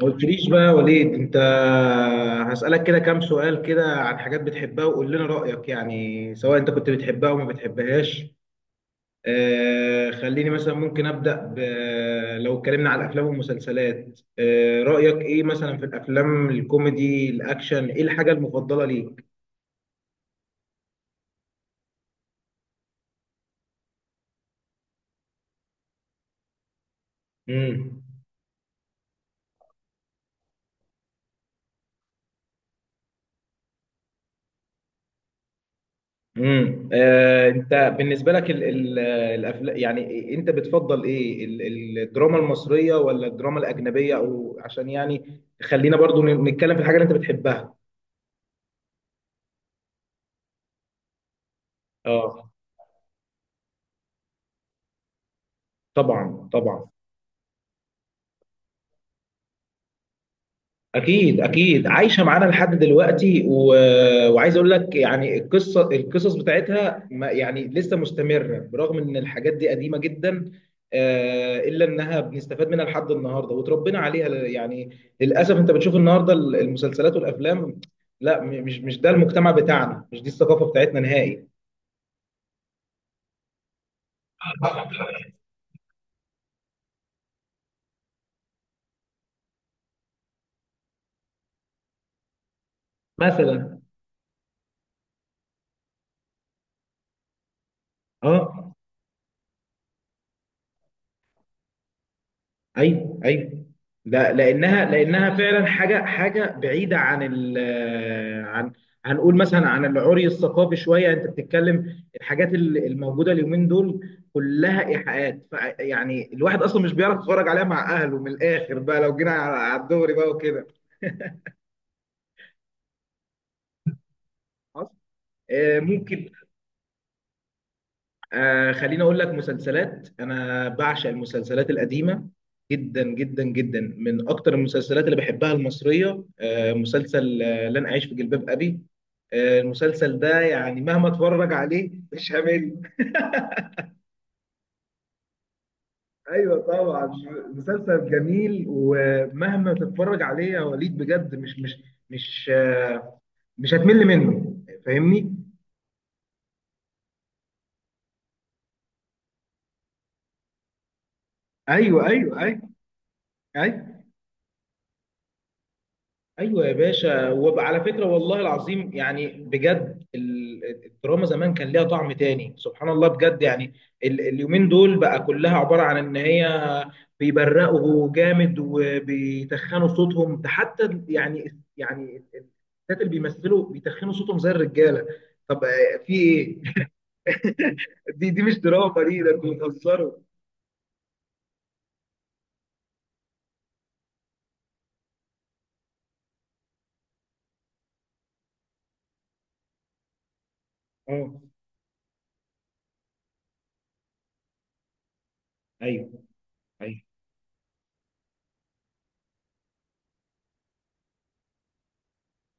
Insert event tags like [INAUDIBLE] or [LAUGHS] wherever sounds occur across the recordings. ما قلتليش بقى يا وليد، انت هسألك كده كام سؤال كده عن حاجات بتحبها وقول لنا رأيك، يعني سواء انت كنت بتحبها او ما بتحبهاش. خليني مثلا ممكن أبدأ لو اتكلمنا على الافلام والمسلسلات، رأيك ايه مثلا في الافلام الكوميدي الاكشن؟ ايه الحاجة المفضلة ليك؟ امم انت بالنسبه لك الافلام، يعني انت بتفضل ايه الدراما المصريه ولا الدراما الاجنبيه؟ او عشان يعني خلينا برضو نتكلم في الحاجه اللي انت بتحبها. اه، طبعا طبعا، اكيد اكيد، عايشه معانا لحد دلوقتي وعايز اقول لك يعني القصص بتاعتها ما يعني لسه مستمره برغم ان الحاجات دي قديمه جدا. الا انها بنستفاد منها لحد النهارده وتربينا عليها يعني للاسف انت بتشوف النهارده المسلسلات والافلام. لا، مش ده المجتمع بتاعنا، مش دي الثقافه بتاعتنا نهائي. مثلا. اه، ايوه ايوه. لا، لانها فعلا حاجه بعيده عن عن هنقول مثلا عن العري الثقافي شويه، انت بتتكلم الحاجات الموجوده اليومين دول كلها ايحاءات، يعني الواحد اصلا مش بيعرف يتفرج عليها مع اهله. من الاخر بقى، لو جينا على الدوري بقى وكده. خلاص؟ ممكن. خليني اقول لك، مسلسلات انا بعشق المسلسلات القديمه جدا جدا جدا. من اكتر المسلسلات اللي بحبها المصريه مسلسل لن اعيش في جلباب ابي. المسلسل ده يعني مهما اتفرج عليه مش همل. ايوه طبعا. مسلسل جميل ومهما تتفرج عليه يا وليد، بجد مش آه، مش هتمل منه، فاهمني؟ ايوه ايوه ايوه ايوه ايوه يا باشا. وعلى فكره والله العظيم يعني، بجد الدراما زمان كان ليها طعم تاني، سبحان الله بجد يعني. اليومين دول بقى كلها عباره عن ان هي بيبرقوا جامد وبيتخنوا صوتهم، ده حتى يعني الستات اللي بيمثلوا بيتخنوا صوتهم زي الرجاله. طب في ايه؟ [LAUGHS] دي مش دراما، دي ده انتوا بتهزروا. اه ايوه ايوه،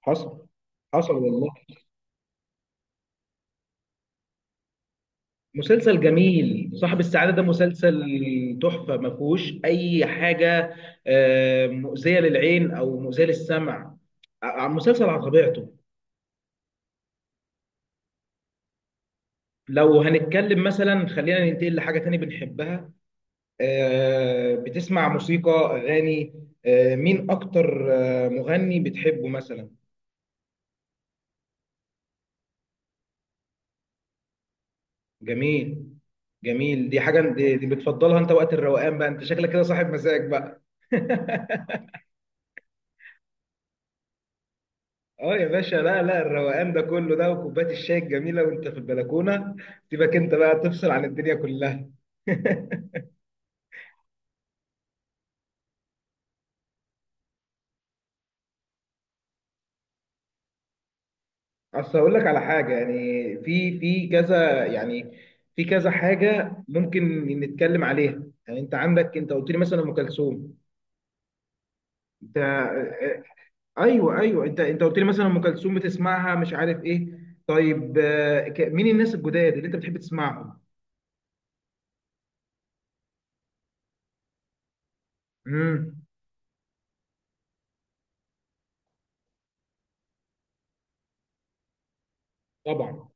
حصل حصل والله. مسلسل جميل صاحب السعادة، ده مسلسل تحفة ما فيهوش أي حاجة مؤذية للعين أو مؤذية للسمع. مسلسل على طبيعته. لو هنتكلم مثلا، خلينا ننتقل لحاجة تانية بنحبها. بتسمع موسيقى، أغاني؟ مين أكتر مغني بتحبه مثلا؟ جميل جميل. دي حاجة دي بتفضلها أنت وقت الروقان بقى، أنت شكلك كده صاحب مزاج بقى. اه يا باشا. لا لا، الروقان ده كله ده وكوبايه الشاي الجميله وانت في البلكونه، سيبك انت بقى تفصل عن الدنيا كلها. [LAUGHS] اصل هقول لك على حاجه يعني، في كذا يعني في كذا حاجه ممكن نتكلم عليها، يعني انت عندك. انت قلت لي مثلا ام كلثوم، انت ايوه ايوه. انت قلت لي مثلا ام كلثوم بتسمعها مش عارف ايه. طيب مين الناس الجداد اللي انت بتحب تسمعهم؟ امم. طبعا.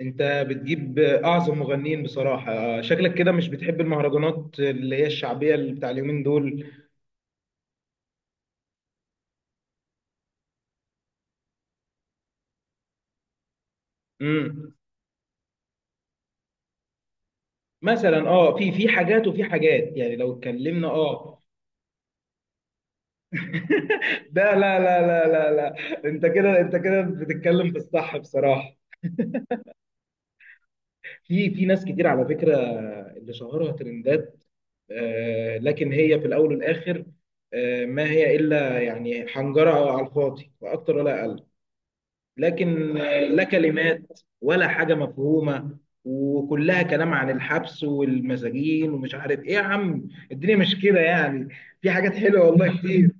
انت بتجيب اعظم مغنيين، بصراحة شكلك كده مش بتحب المهرجانات اللي هي الشعبية اللي بتاع اليومين دول. امم مثلا في حاجات وفي حاجات يعني لو اتكلمنا [LAUGHS] لا لا لا لا لا لا. انت كده، انت كده بتتكلم في الصح بصراحة. في ناس كتير على فكرة اللي شهرها ترندات، لكن هي في الاول والاخر، ما هي الا يعني حنجرة على الفاضي، لا اكتر ولا اقل. لكن لا كلمات ولا حاجة مفهومة، وكلها كلام عن الحبس والمساجين ومش عارف ايه. يا عم الدنيا مش كده يعني، في حاجات حلوة والله كتير.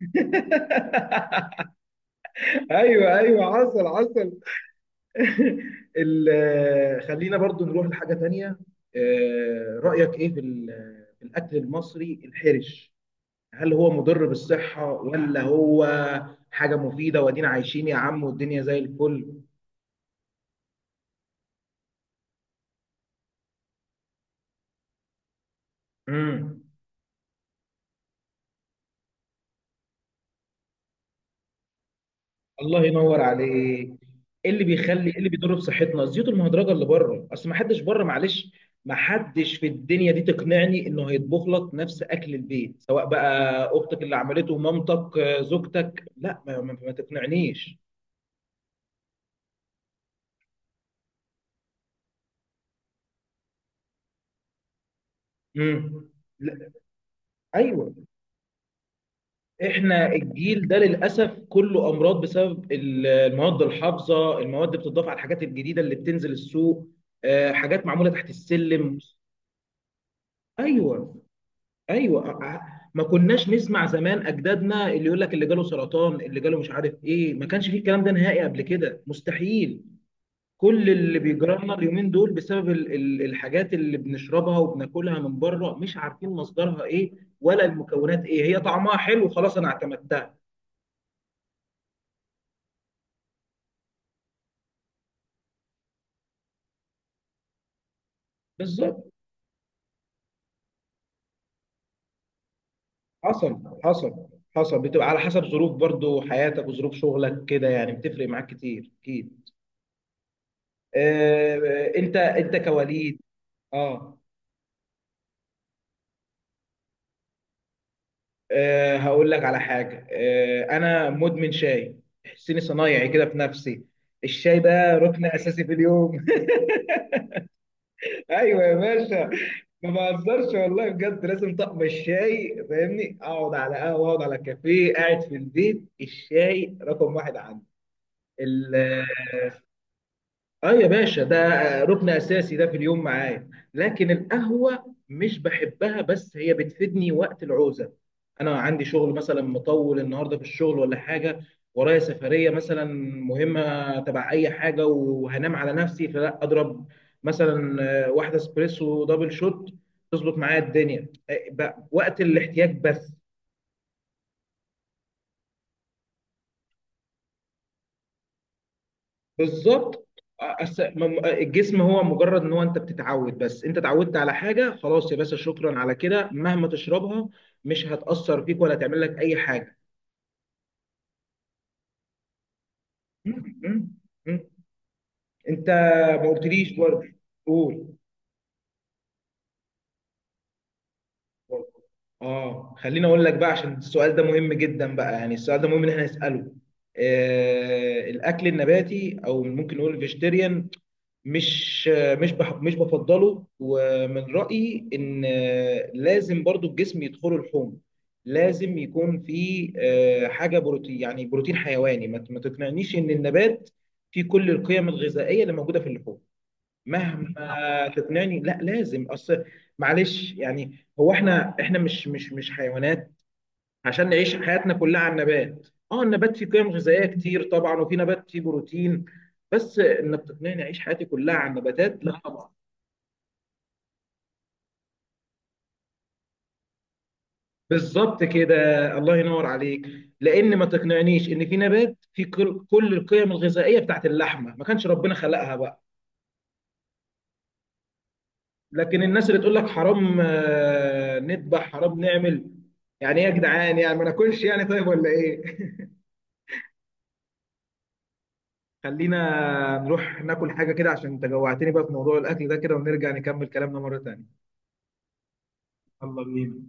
[LAUGHS] ايوه ايوه، حصل حصل. [LAUGHS] خلينا برضو نروح لحاجة تانية. رأيك ايه في ال- آه، في الأكل المصري الحرش؟ هل هو مضر بالصحة، ولا هو حاجة مفيدة وادينا عايشين يا عم والدنيا زي الفل؟ امم الله ينور عليك. ايه اللي بيضر بصحتنا؟ الزيوت المهدرجه اللي بره، اصل ما حدش بره معلش. ما حدش في الدنيا دي تقنعني انه هيطبخ لك نفس اكل البيت، سواء بقى اختك اللي عملته، مامتك، زوجتك. لا، ما تقنعنيش. امم. لا، ايوه، احنا الجيل ده للاسف كله امراض بسبب المواد الحافظه، المواد بتضاف على الحاجات الجديده اللي بتنزل السوق. حاجات معموله تحت السلم. ايوه ايوه. ما كناش نسمع زمان اجدادنا اللي يقول لك اللي جاله سرطان، اللي جاله مش عارف ايه. ما كانش فيه الكلام ده نهائي قبل كده مستحيل. كل اللي بيجرى لنا اليومين دول بسبب الحاجات اللي بنشربها وبناكلها من بره، مش عارفين مصدرها ايه ولا المكونات ايه هي. طعمها حلو خلاص، انا اعتمدتها. بالظبط. حصل حصل حصل. بتبقى على حسب ظروف برضو حياتك وظروف شغلك كده، يعني بتفرق معاك كتير اكيد. انت كوليد. اه. أه، هقول لك على حاجة. أنا مدمن شاي، تحسيني صنايعي كده في نفسي. الشاي ده ركن أساسي في اليوم. [LAUGHS] أيوة يا باشا. ما بهزرش والله بجد، لازم طقم الشاي، فاهمني؟ أقعد على قهوة، أقعد على كافيه، قاعد في البيت، الشاي رقم واحد عندي. اه يا باشا، ده ركن اساسي ده في اليوم معايا. لكن القهوه مش بحبها، بس هي بتفيدني وقت العوزه. انا عندي شغل مثلا مطول النهارده في الشغل ولا حاجه، ورايا سفريه مثلا مهمه تبع اي حاجه، وهنام على نفسي، فلا اضرب مثلا واحده اسبريسو دبل شوت. تظبط معايا الدنيا بقى وقت الاحتياج بس. بالظبط. الجسم هو مجرد ان هو انت بتتعود، بس انت اتعودت على حاجه خلاص، يا باشا شكرا على كده مهما تشربها مش هتاثر فيك ولا تعمل لك اي حاجه. م- م- م. انت ما قلتليش برضه. قول. اه خليني اقول لك بقى عشان السؤال ده مهم جدا بقى، يعني السؤال ده مهم ان احنا نساله. الاكل النباتي، او ممكن نقول الفيجيتيريان، مش مش بفضله، ومن رأيي ان لازم برضو الجسم يدخله لحوم، لازم يكون في حاجه بروتين، يعني بروتين حيواني. ما تقنعنيش ان النبات فيه كل القيم الغذائيه اللي موجوده في اللحوم، مهما تقنعني. لا لازم، اصل معلش يعني هو احنا مش حيوانات عشان نعيش حياتنا كلها على النبات. اه النبات فيه قيم غذائيه كتير طبعا، وفي نبات فيه بروتين، بس انك تقنعني اعيش حياتي كلها على النباتات لا طبعا. بالظبط كده. الله ينور عليك. لان ما تقنعنيش ان في نبات فيه كل كل القيم الغذائيه بتاعت اللحمه، ما كانش ربنا خلقها بقى. لكن الناس اللي تقول لك حرام نذبح، حرام نعمل، يعني ايه يا جدعان؟ يعني ما ناكلش يعني؟ طيب ولا ايه؟ [LAUGHS] خلينا نروح ناكل حاجه كده، عشان انت جوعتني بقى في موضوع الاكل ده كده، ونرجع نكمل كلامنا مره تانية. يلا بينا.